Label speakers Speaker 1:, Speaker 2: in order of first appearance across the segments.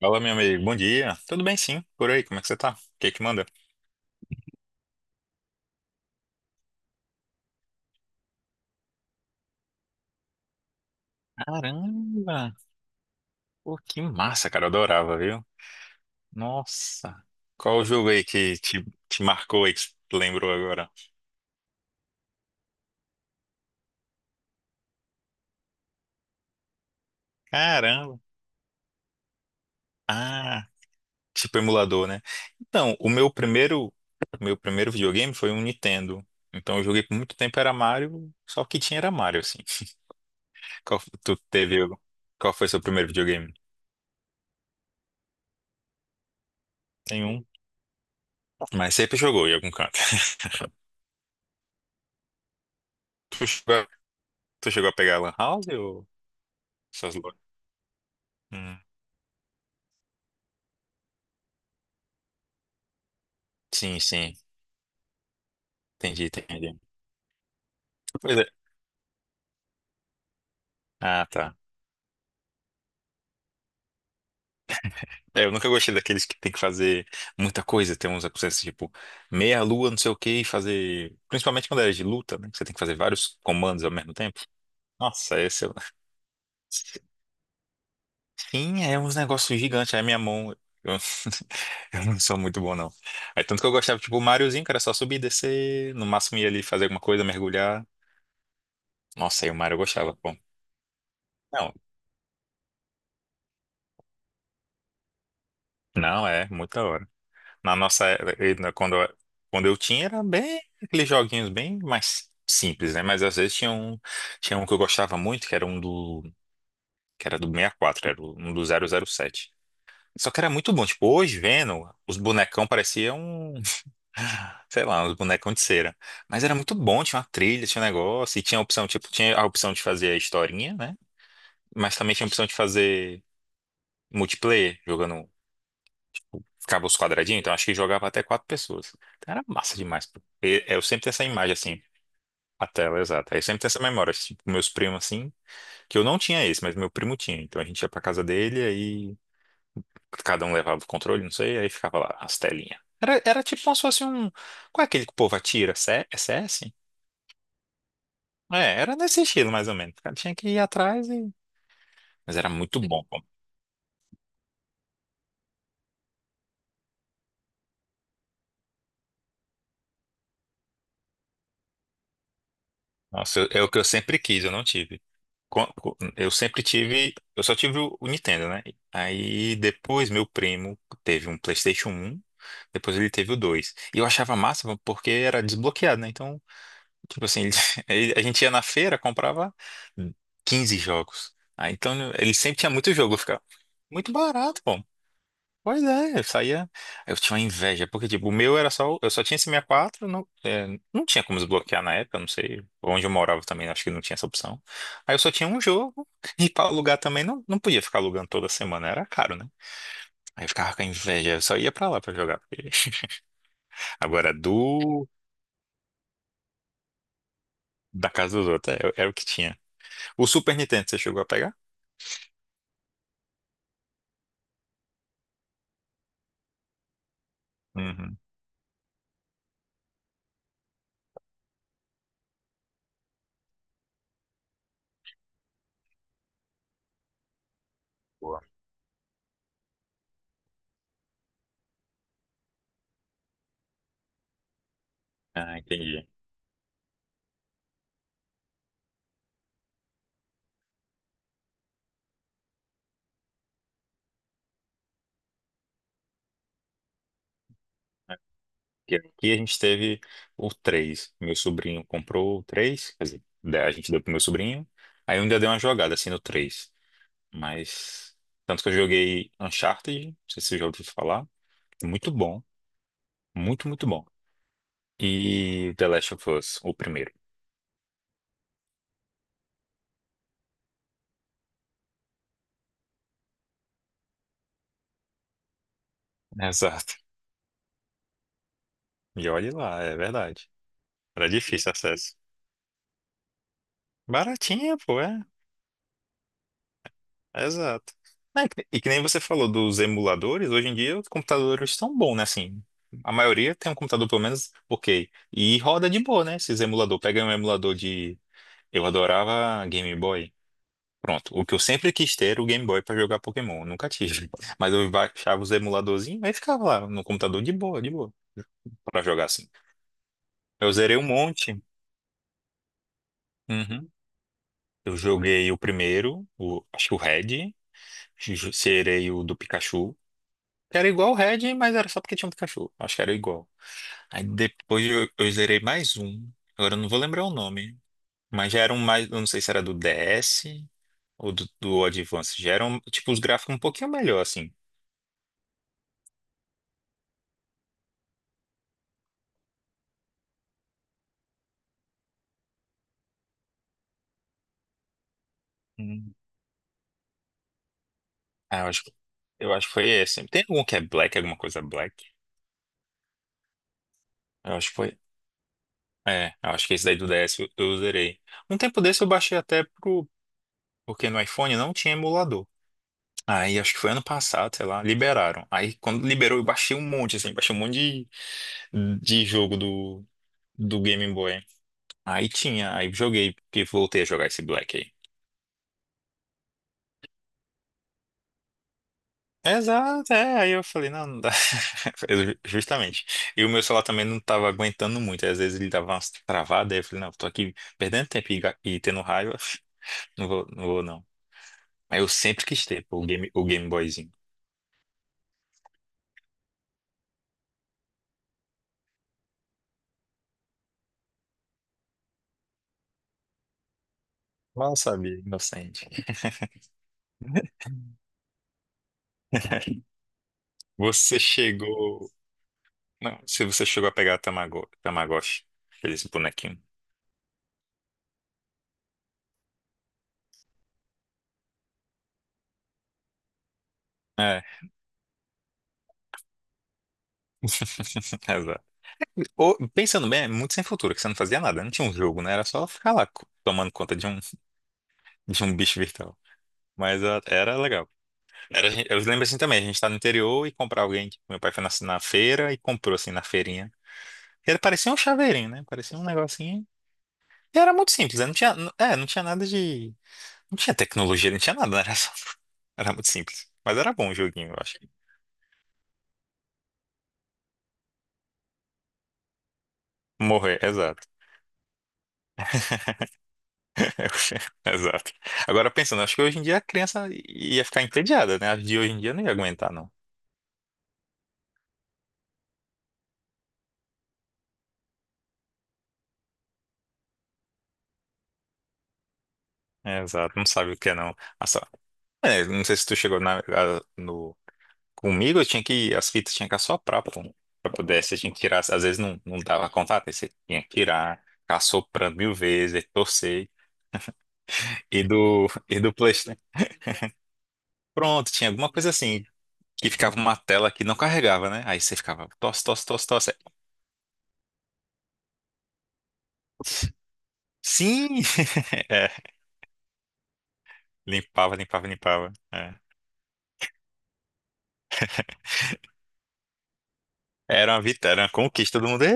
Speaker 1: Fala, meu amigo. Bom dia. Tudo bem, sim. Por aí, como é que você tá? O que que manda? Caramba! Pô, que massa, cara. Eu adorava, viu? Nossa! Qual o jogo aí que te marcou aí, que você lembrou agora? Caramba! Ah, tipo emulador, né? Então, o meu primeiro videogame foi um Nintendo. Então, eu joguei por muito tempo, era Mario, só o que tinha era Mario, assim. Qual, f- tu teve, algum- Qual foi seu primeiro videogame? Tem um, mas sempre jogou em algum canto. Tu chegou, a- Tu chegou a pegar a Lan House ou... Essas lo- Hum. Sim, sim. Entendi, entendi. Pois é. Ah, tá. É, eu nunca gostei daqueles que tem que fazer muita coisa. Tem uns processos tipo meia lua, não sei o que, e fazer. Principalmente quando é de luta, né? Que você tem que fazer vários comandos ao mesmo tempo. Nossa, esse é. Sim, é uns negócios gigantes. Aí minha mão. Eu... eu não sou muito bom, não. Aí tanto que eu gostava, tipo, o Mariozinho, que era só subir, descer, no máximo ia ali fazer alguma coisa, mergulhar. Nossa, aí o Mario eu gostava. Bom, não, não, é, muita hora. Na nossa era, quando eu tinha, era bem aqueles joguinhos bem mais simples, né? Mas às vezes tinha um que eu gostava muito, que era do 64, era um do 007. Só que era muito bom. Tipo, hoje vendo, os bonecão pareciam, sei lá, uns bonecão de cera. Mas era muito bom, tinha uma trilha, tinha um negócio, e tinha a opção de fazer a historinha, né? Mas também tinha a opção de fazer multiplayer, jogando. Ficava os quadradinhos, então acho que jogava até quatro pessoas. Então, era massa demais, pô. Eu sempre tenho essa imagem assim, a tela, exato. Aí eu sempre tenho essa memória, assim, tipo, meus primos assim, que eu não tinha esse, mas meu primo tinha. Então a gente ia pra casa dele, aí cada um levava o controle, não sei, aí ficava lá as telinhas. Era tipo como se fosse um. Qual é aquele que o povo atira? CS. É, era nesse estilo mais ou menos. O cara tinha que ir atrás e. Mas era muito bom. Nossa, é o que eu sempre quis, eu não tive. Eu sempre tive, eu só tive o Nintendo, né? Aí depois meu primo teve um PlayStation 1. Depois ele teve o 2. E eu achava massa porque era desbloqueado, né? Então, tipo assim, a gente ia na feira, comprava 15 jogos. Aí então ele sempre tinha muito jogo, eu ficava muito barato, pô. Pois é, eu saía. Eu tinha uma inveja, porque, tipo, o meu era só. Eu só tinha esse 64. Não, é, não tinha como desbloquear na época, não sei. Onde eu morava também, acho que não tinha essa opção. Aí eu só tinha um jogo, e pra alugar também não, não podia ficar alugando toda semana, era caro, né? Aí eu ficava com a inveja, eu só ia pra lá pra jogar, porque agora, é do. Da casa dos outros, era o que tinha. O Super Nintendo, você chegou a pegar? Uhum. Boa. Ah, entendi. E aqui a gente teve o 3. Meu sobrinho comprou o 3, quer dizer, né, a gente deu pro meu sobrinho. Aí eu ainda dei uma jogada assim no 3. Mas. Tanto que eu joguei Uncharted, não sei se você já ouviu falar. Muito bom. Muito, muito bom. E The Last of Us, o primeiro. Exato. E olhe lá, é verdade. Era difícil acesso. Baratinha, pô, é. Exato. É, E que nem você falou dos emuladores, hoje em dia os computadores estão bons, né? Assim, a maioria tem um computador pelo menos ok. E roda de boa, né? Esses emulador. Pega um emulador de. Eu adorava Game Boy. Pronto. O que eu sempre quis ter era o Game Boy pra jogar Pokémon. Eu nunca tive. Mas eu baixava os emuladorzinhos e ficava lá no computador de boa, pra jogar assim. Eu zerei um monte. Uhum. Eu joguei o primeiro, acho que o Red. Zerei o do Pikachu. Era igual o Red, mas era só porque tinha um cachorro. Acho que era igual. Aí depois eu zerei mais um. Agora eu não vou lembrar o nome. Mas já era um mais. Eu não sei se era do DS ou do Advance. Já eram, tipo, os gráficos um pouquinho melhor, assim. Hum. Ah, eu acho, eu acho que foi esse. Tem algum que é Black, alguma coisa Black? Eu acho que foi. É, eu acho que esse daí do DS eu zerei. Um tempo desse eu baixei até pro. Porque no iPhone não tinha emulador. Aí acho que foi ano passado, sei lá, liberaram. Aí quando liberou, eu baixei um monte, assim, baixei um monte de jogo do, Game Boy. Aí tinha, aí joguei, porque voltei a jogar esse Black aí. Exato, é, aí eu falei, não, não dá. Justamente. E o meu celular também não tava aguentando muito, às vezes ele dava umas travadas, aí eu falei, não, tô aqui perdendo tempo e, e tendo raiva, não vou, não vou não. Aí eu sempre quis ter, pô, o Game Boyzinho. Mal sabia, inocente. Você chegou. Não, se você chegou a pegar Tamagotchi, aquele bonequinho. É, exato. Pensando bem, é muito sem futuro, que você não fazia nada, não tinha um jogo, né? Era só ficar lá tomando conta de um, de um bicho virtual. Mas ah, era legal. Era, eu lembro assim também, a gente tá no interior e comprar alguém, tipo, meu pai foi na feira e comprou assim na feirinha. Era, parecia um chaveirinho, né? Parecia um negocinho. E era muito simples, né? Não tinha, é, não tinha nada de. Não tinha tecnologia, não tinha nada, né? Era só. Era muito simples. Mas era bom o joguinho, eu acho. Morrer, exato. Eu- Exato. Agora pensando, acho que hoje em dia a criança ia ficar entediada, né? As de hoje em dia não ia aguentar, não. É, exato, não sabe o que é, não. É, não sei se tu chegou no... Comigo, eu tinha que, as fitas tinha que assoprar, pô, pra poder, você tinha que tirar, às vezes não, não dava contato, aí você tinha que tirar, ficar soprando mil vezes, aí torcer, e do, e do PlayStation. Pronto, tinha alguma coisa assim, que ficava uma tela que não carregava, né? Aí você ficava, tosse, tosse, tosse, tosse. Sim! Limpava, limpava, limpava. É. Era uma vitória, era uma conquista do mundo. É,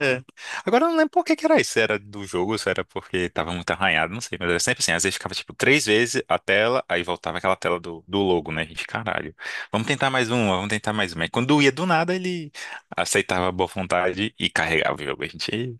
Speaker 1: é. Agora eu não lembro por que que era isso. Se era do jogo, se era porque tava muito arranhado, não sei. Mas era sempre assim. Às vezes ficava tipo três vezes a tela, aí voltava aquela tela do, logo, né? A gente, caralho. Vamos tentar mais uma, vamos tentar mais uma. E quando ia do nada, ele aceitava a boa vontade e carregava o jogo. A gente,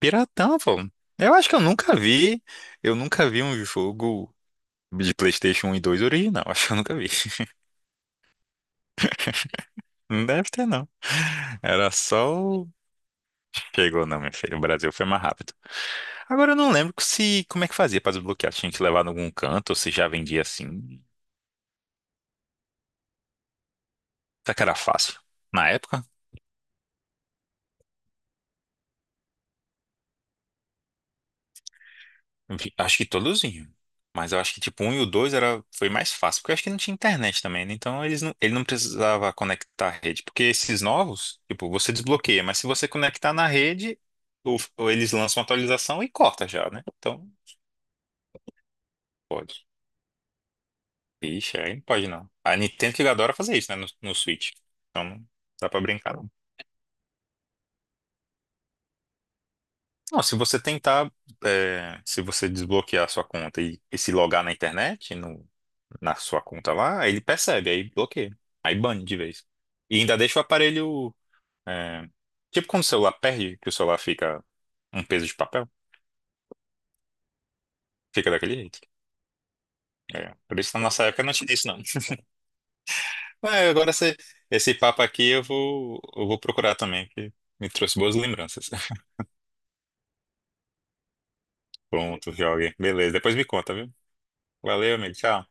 Speaker 1: piratão, pô. Eu acho que eu nunca vi um jogo de PlayStation 1 e 2 original. Acho que eu nunca vi. Não deve ter, não. Era só. Chegou, não, minha filha. O Brasil foi mais rápido. Agora eu não lembro se como é que fazia para desbloquear. Tinha que levar em algum canto ou se já vendia assim. Será que era fácil? Na época, acho que todos vinham. Mas eu acho que tipo um e o dois era, foi mais fácil, porque eu acho que não tinha internet também, né? Então ele não precisava conectar a rede. Porque esses novos, tipo, você desbloqueia, mas se você conectar na rede, ou eles lançam uma atualização e corta já, né? Então, pode. Ixi, aí não pode não. A Nintendo que adora fazer isso, né? No Switch. Então não dá pra brincar. Não, se você tentar, é, se você desbloquear a sua conta e se logar na internet, no, na sua conta lá, ele percebe, aí bloqueia, aí bane de vez. E ainda deixa o aparelho, é, tipo quando o celular perde, que o celular fica um peso de papel, fica daquele jeito. É, por isso que na nossa época não tinha isso não. Mas agora esse, papo aqui eu vou procurar também, que me trouxe boas lembranças. Pronto, jogue. Beleza, depois me conta, viu? Valeu, amigo, tchau.